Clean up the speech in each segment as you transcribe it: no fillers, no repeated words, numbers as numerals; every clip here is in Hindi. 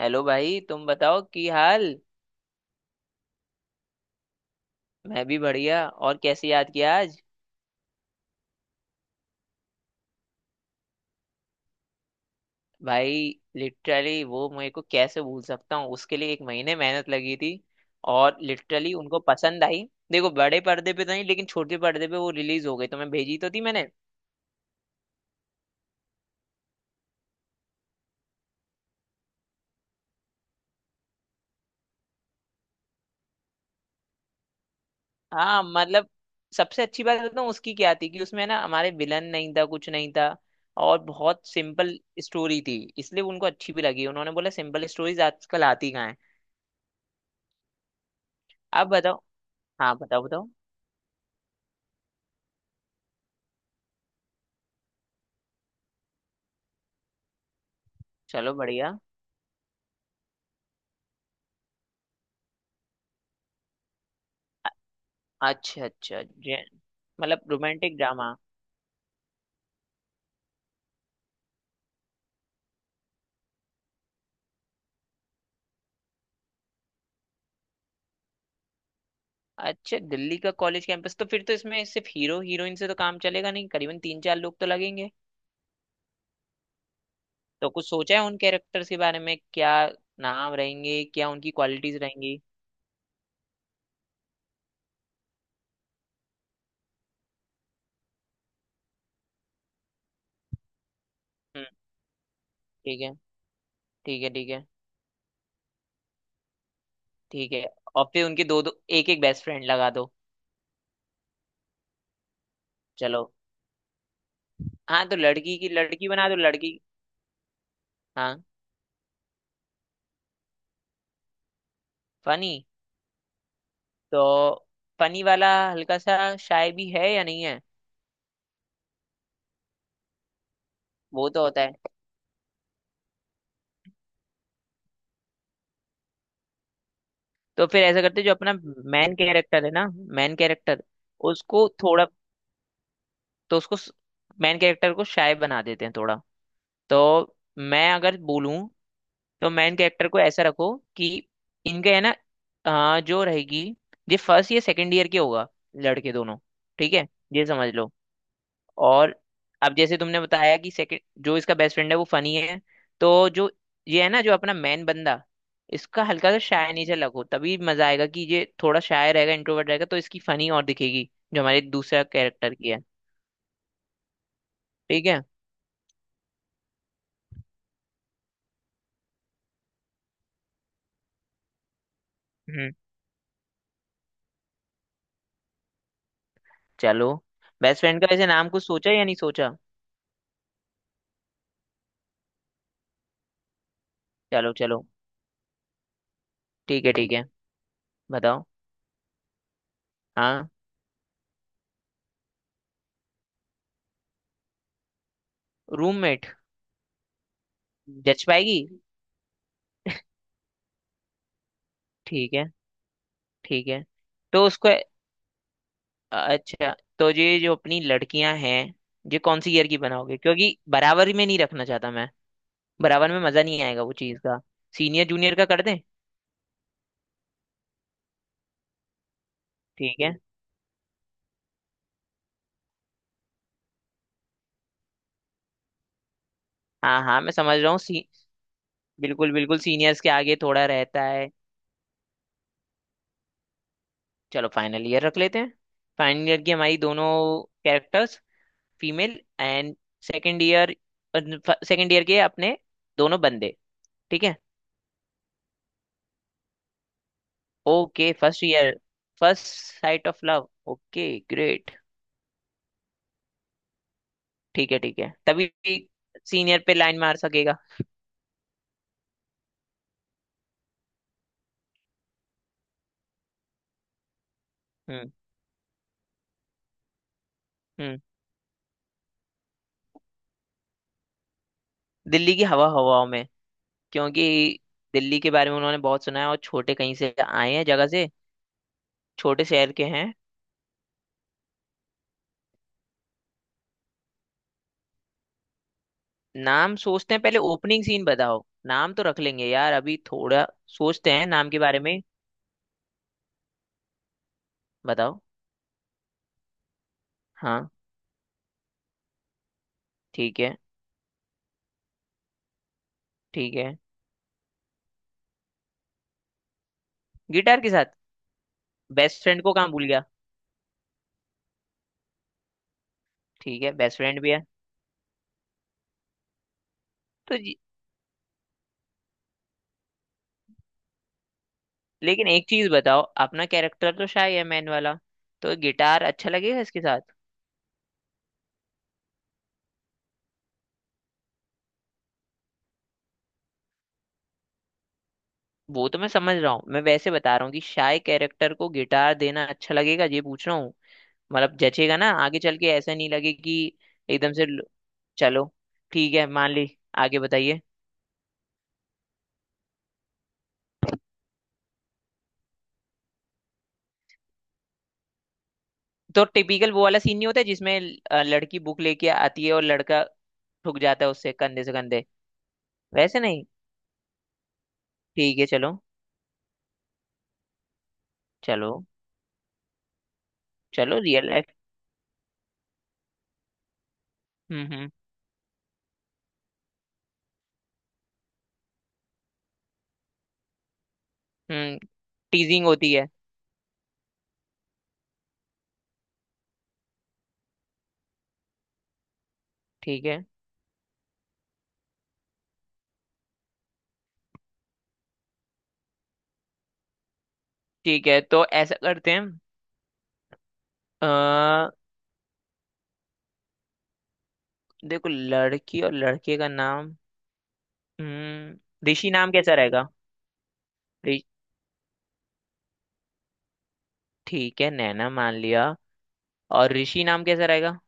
हेलो भाई तुम बताओ की हाल। मैं भी बढ़िया, और कैसे याद किया आज। भाई लिटरली वो मेरे को कैसे भूल सकता हूँ, उसके लिए एक महीने मेहनत लगी थी। और लिटरली उनको पसंद आई। देखो बड़े पर्दे पे तो नहीं, लेकिन छोटे पर्दे पे वो रिलीज हो गई, तो मैं भेजी तो थी मैंने। हाँ। मतलब सबसे अच्छी बात बताऊँ उसकी क्या थी, कि उसमें ना हमारे विलन नहीं था, कुछ नहीं था, और बहुत सिंपल स्टोरी थी, इसलिए उनको अच्छी भी लगी। उन्होंने बोला, सिंपल स्टोरीज आजकल आती कहाँ है। अब बताओ। हाँ, बताओ बताओ। चलो बढ़िया। अच्छा अच्छा जे मतलब रोमांटिक ड्रामा। अच्छा, दिल्ली का कॉलेज कैंपस, तो फिर तो इसमें सिर्फ हीरो हीरोइन से तो काम चलेगा नहीं, करीबन तीन चार लोग तो लगेंगे। तो कुछ सोचा है उन कैरेक्टर्स के बारे में, क्या नाम रहेंगे, क्या उनकी क्वालिटीज रहेंगी। हम्म। ठीक है। ठीक है। ठीक है। ठीक है। और फिर उनके दो दो एक एक बेस्ट फ्रेंड लगा दो। चलो। हाँ, तो लड़की की लड़की बना दो, लड़की। हाँ। फनी। तो फनी वाला, हल्का सा, शाय भी है या नहीं है। वो तो होता है। तो फिर ऐसा करते, जो अपना मैन कैरेक्टर है ना, मैन कैरेक्टर उसको थोड़ा, तो उसको मैन कैरेक्टर को शाय बना देते हैं थोड़ा। तो मैं अगर बोलूं, तो मैन कैरेक्टर को ऐसा रखो कि इनके है ना, जो रहेगी, ये फर्स्ट या सेकंड ईयर के होगा, लड़के दोनों। ठीक है। ये समझ लो। और अब जैसे तुमने बताया कि सेकंड, जो इसका बेस्ट फ्रेंड है वो फनी है, तो जो ये है ना, जो अपना मैन बंदा, इसका हल्का सा शाय नेचर लगो, तभी मजा आएगा कि ये थोड़ा शाय रहेगा, इंट्रोवर्ट रहेगा, तो इसकी फनी और दिखेगी, जो हमारे दूसरा कैरेक्टर की है। ठीक है। हम्म। चलो। बेस्ट फ्रेंड का वैसे नाम कुछ सोचा या नहीं सोचा। चलो चलो। ठीक है। ठीक है। बताओ। हाँ। रूममेट। जच पाएगी। ठीक है। ठीक है। तो उसको, अच्छा, तो ये जो अपनी लड़कियां हैं, ये कौन सी ईयर की बनाओगे, क्योंकि बराबर में नहीं रखना चाहता मैं। बराबर में मजा नहीं आएगा वो चीज का। सीनियर जूनियर का कर दें। ठीक है। हाँ हाँ, मैं समझ रहा हूँ, सी बिल्कुल बिल्कुल, सीनियर्स के आगे थोड़ा रहता है। चलो फाइनल ईयर रख लेते हैं। फाइनल ईयर की हमारी दोनों characters female, and second year, second year के अपने दोनों बंदे। ठीक है। Okay first year. First sight of love. Okay great. ठीक है तभी सीनियर पे लाइन मार सकेगा। हम्म। हम्म। दिल्ली की हवा हवाओं में, क्योंकि दिल्ली के बारे में उन्होंने बहुत सुना है, और छोटे कहीं से आए हैं जगह से। छोटे शहर के हैं। नाम सोचते हैं पहले, ओपनिंग सीन बताओ, नाम तो रख लेंगे यार अभी, थोड़ा सोचते हैं नाम के बारे में। बताओ। हाँ। ठीक है। ठीक है। गिटार के साथ, बेस्ट फ्रेंड को कहाँ भूल गया। ठीक है बेस्ट फ्रेंड भी है। तो लेकिन एक चीज बताओ, अपना कैरेक्टर तो शाय है, मैन वाला, तो गिटार अच्छा लगेगा इसके साथ। वो तो मैं समझ रहा हूँ, मैं वैसे बता रहा हूँ कि शाय कैरेक्टर को गिटार देना अच्छा लगेगा, ये पूछ रहा हूँ। मतलब जचेगा ना आगे चल के, ऐसा नहीं लगे कि एकदम से चलो, ठीक है मान ली। आगे बताइए। तो टिपिकल वो वाला सीन नहीं होता है, जिसमें लड़की बुक लेके आती है और लड़का ठुक जाता है उससे, कंधे से कंधे। वैसे नहीं। ठीक है चलो। चलो चलो रियल लाइफ। हम्म। हम्म। हम्म। टीजिंग होती है। ठीक है। ठीक है। तो ऐसा करते हैं। अ, देखो लड़की और लड़के का नाम। हम्म, ऋषि नाम कैसा रहेगा। रि- ठीक है नैना मान लिया। और ऋषि नाम कैसा रहेगा।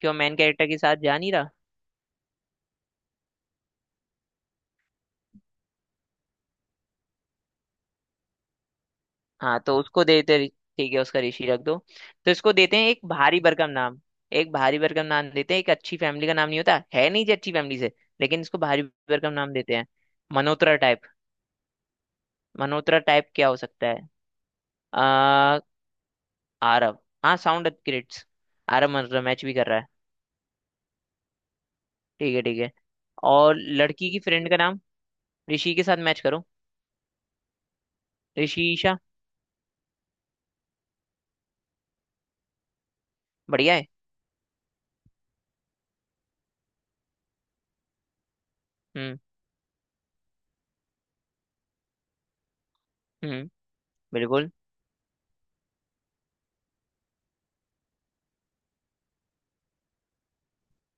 क्यों, मेन कैरेक्टर के साथ जा नहीं रहा। हाँ तो उसको देते ठीक है, उसका ऋषि रख दो। तो इसको देते हैं एक भारी भरकम नाम। एक भारी भरकम नाम देते हैं, एक अच्छी फैमिली का नाम। नहीं होता है नहीं जी अच्छी फैमिली से, लेकिन इसको भारी भरकम नाम देते हैं। मनोतरा टाइप। मनोतरा टाइप क्या हो सकता है। आ, आरव। हाँ, साउंड अपग्रेड्स। आरव मनोतरा मैच भी कर रहा है। ठीक है। ठीक है। और लड़की की फ्रेंड का नाम ऋषि के साथ मैच करो। ऋषिशा। बढ़िया है। हम्म। हम्म। बिल्कुल।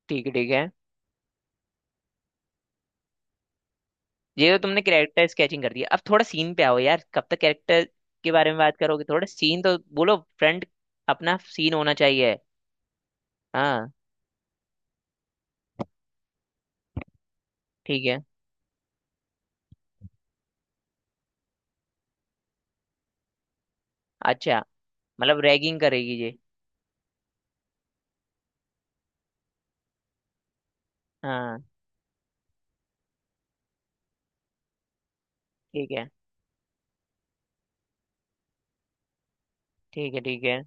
ठीक है। ठीक है। ये तो तुमने कैरेक्टर स्केचिंग कर दिया, अब थोड़ा सीन पे आओ यार, कब तक कैरेक्टर के बारे में बात करोगे, थोड़ा सीन तो बोलो, फ्रंट अपना सीन होना चाहिए। हाँ। ठीक है। अच्छा, मतलब रैगिंग करेगी ये। हाँ। ठीक है। ठीक है। ठीक है।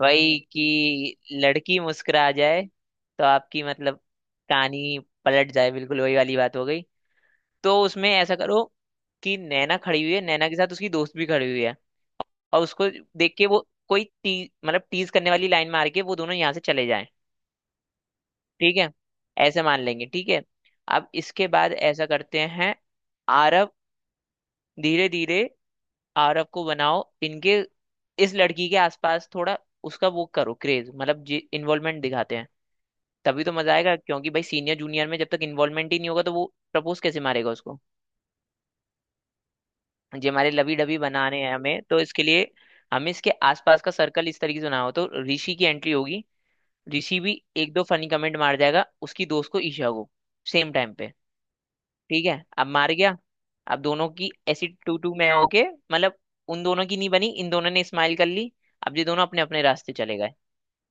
वही कि लड़की मुस्कुरा जाए, तो आपकी मतलब कहानी पलट जाए, बिल्कुल वही वाली बात हो गई। तो उसमें ऐसा करो कि नैना खड़ी हुई है, नैना के साथ उसकी दोस्त भी खड़ी हुई है, और उसको देख के वो कोई टी मतलब टीज करने वाली लाइन मार के वो दोनों यहाँ से चले जाएं। ठीक है ऐसे मान लेंगे, ठीक है। अब इसके बाद ऐसा करते हैं, आरव धीरे धीरे, आरव को बनाओ इनके इस लड़की के आसपास, थोड़ा उसका वो करो क्रेज, मतलब जी इन्वॉल्वमेंट दिखाते हैं। तभी तो मजा आएगा, क्योंकि भाई सीनियर जूनियर में जब तक इन्वॉल्वमेंट ही नहीं होगा, तो वो प्रपोज कैसे मारेगा उसको। जी हमारे लवी डबी बनाने हैं हमें, तो इसके लिए हमें इसके आसपास का सर्कल इस तरीके से बनाओ तो। ऋषि की एंट्री होगी। ऋषि भी एक दो फनी कमेंट मार जाएगा उसकी दोस्त को, ईशा को, सेम टाइम पे। ठीक है, अब मार गया। अब दोनों की ऐसी टू टू में होके, मतलब उन दोनों की नहीं बनी, इन दोनों ने स्माइल कर ली, अब ये दोनों अपने अपने रास्ते चले गए।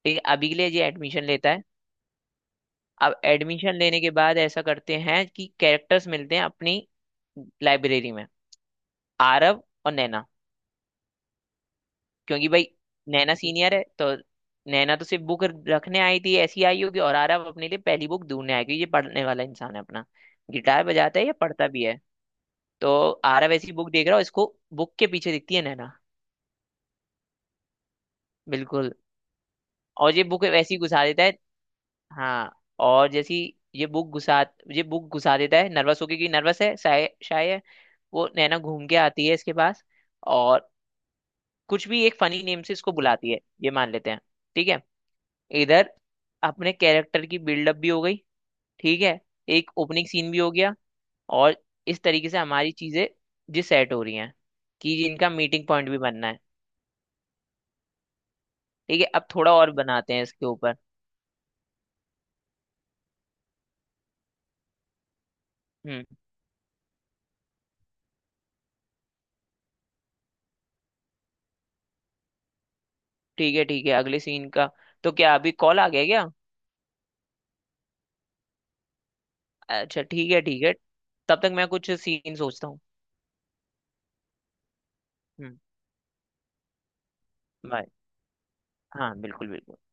ठीक है, अभी के लिए ये एडमिशन लेता है। अब एडमिशन लेने के बाद ऐसा करते हैं कि कैरेक्टर्स मिलते हैं अपनी लाइब्रेरी में, आरव और नैना। क्योंकि भाई नैना सीनियर है, तो नैना तो सिर्फ बुक रखने आई थी, ऐसी आई होगी, और आरव अपने लिए पहली बुक ढूंढने आया, क्योंकि ये पढ़ने वाला इंसान है अपना, गिटार बजाता है या पढ़ता भी है। तो आरव ऐसी बुक देख रहा है इसको, बुक के पीछे दिखती है नैना। बिल्कुल। और ये बुक वैसी घुसा देता है। हाँ, और जैसी ये बुक घुसा ये बुक घुसा देता है नर्वस होके, कि नर्वस है शायद शायद। वो नैना घूम के आती है इसके पास, और कुछ भी एक फनी नेम से इसको बुलाती है, ये मान लेते हैं। ठीक है। इधर अपने कैरेक्टर की बिल्डअप भी हो गई। ठीक है। एक ओपनिंग सीन भी हो गया। और इस तरीके से हमारी चीजें जी सेट हो रही हैं, कि जिनका मीटिंग पॉइंट भी बनना है। ठीक है, अब थोड़ा और बनाते हैं इसके ऊपर। हम्म। ठीक है। ठीक है, अगले सीन का। तो क्या अभी कॉल आ गया क्या। अच्छा ठीक है। ठीक है। तब तक मैं कुछ सीन सोचता हूँ। हम्म। बाय। हाँ, बिल्कुल बिल्कुल।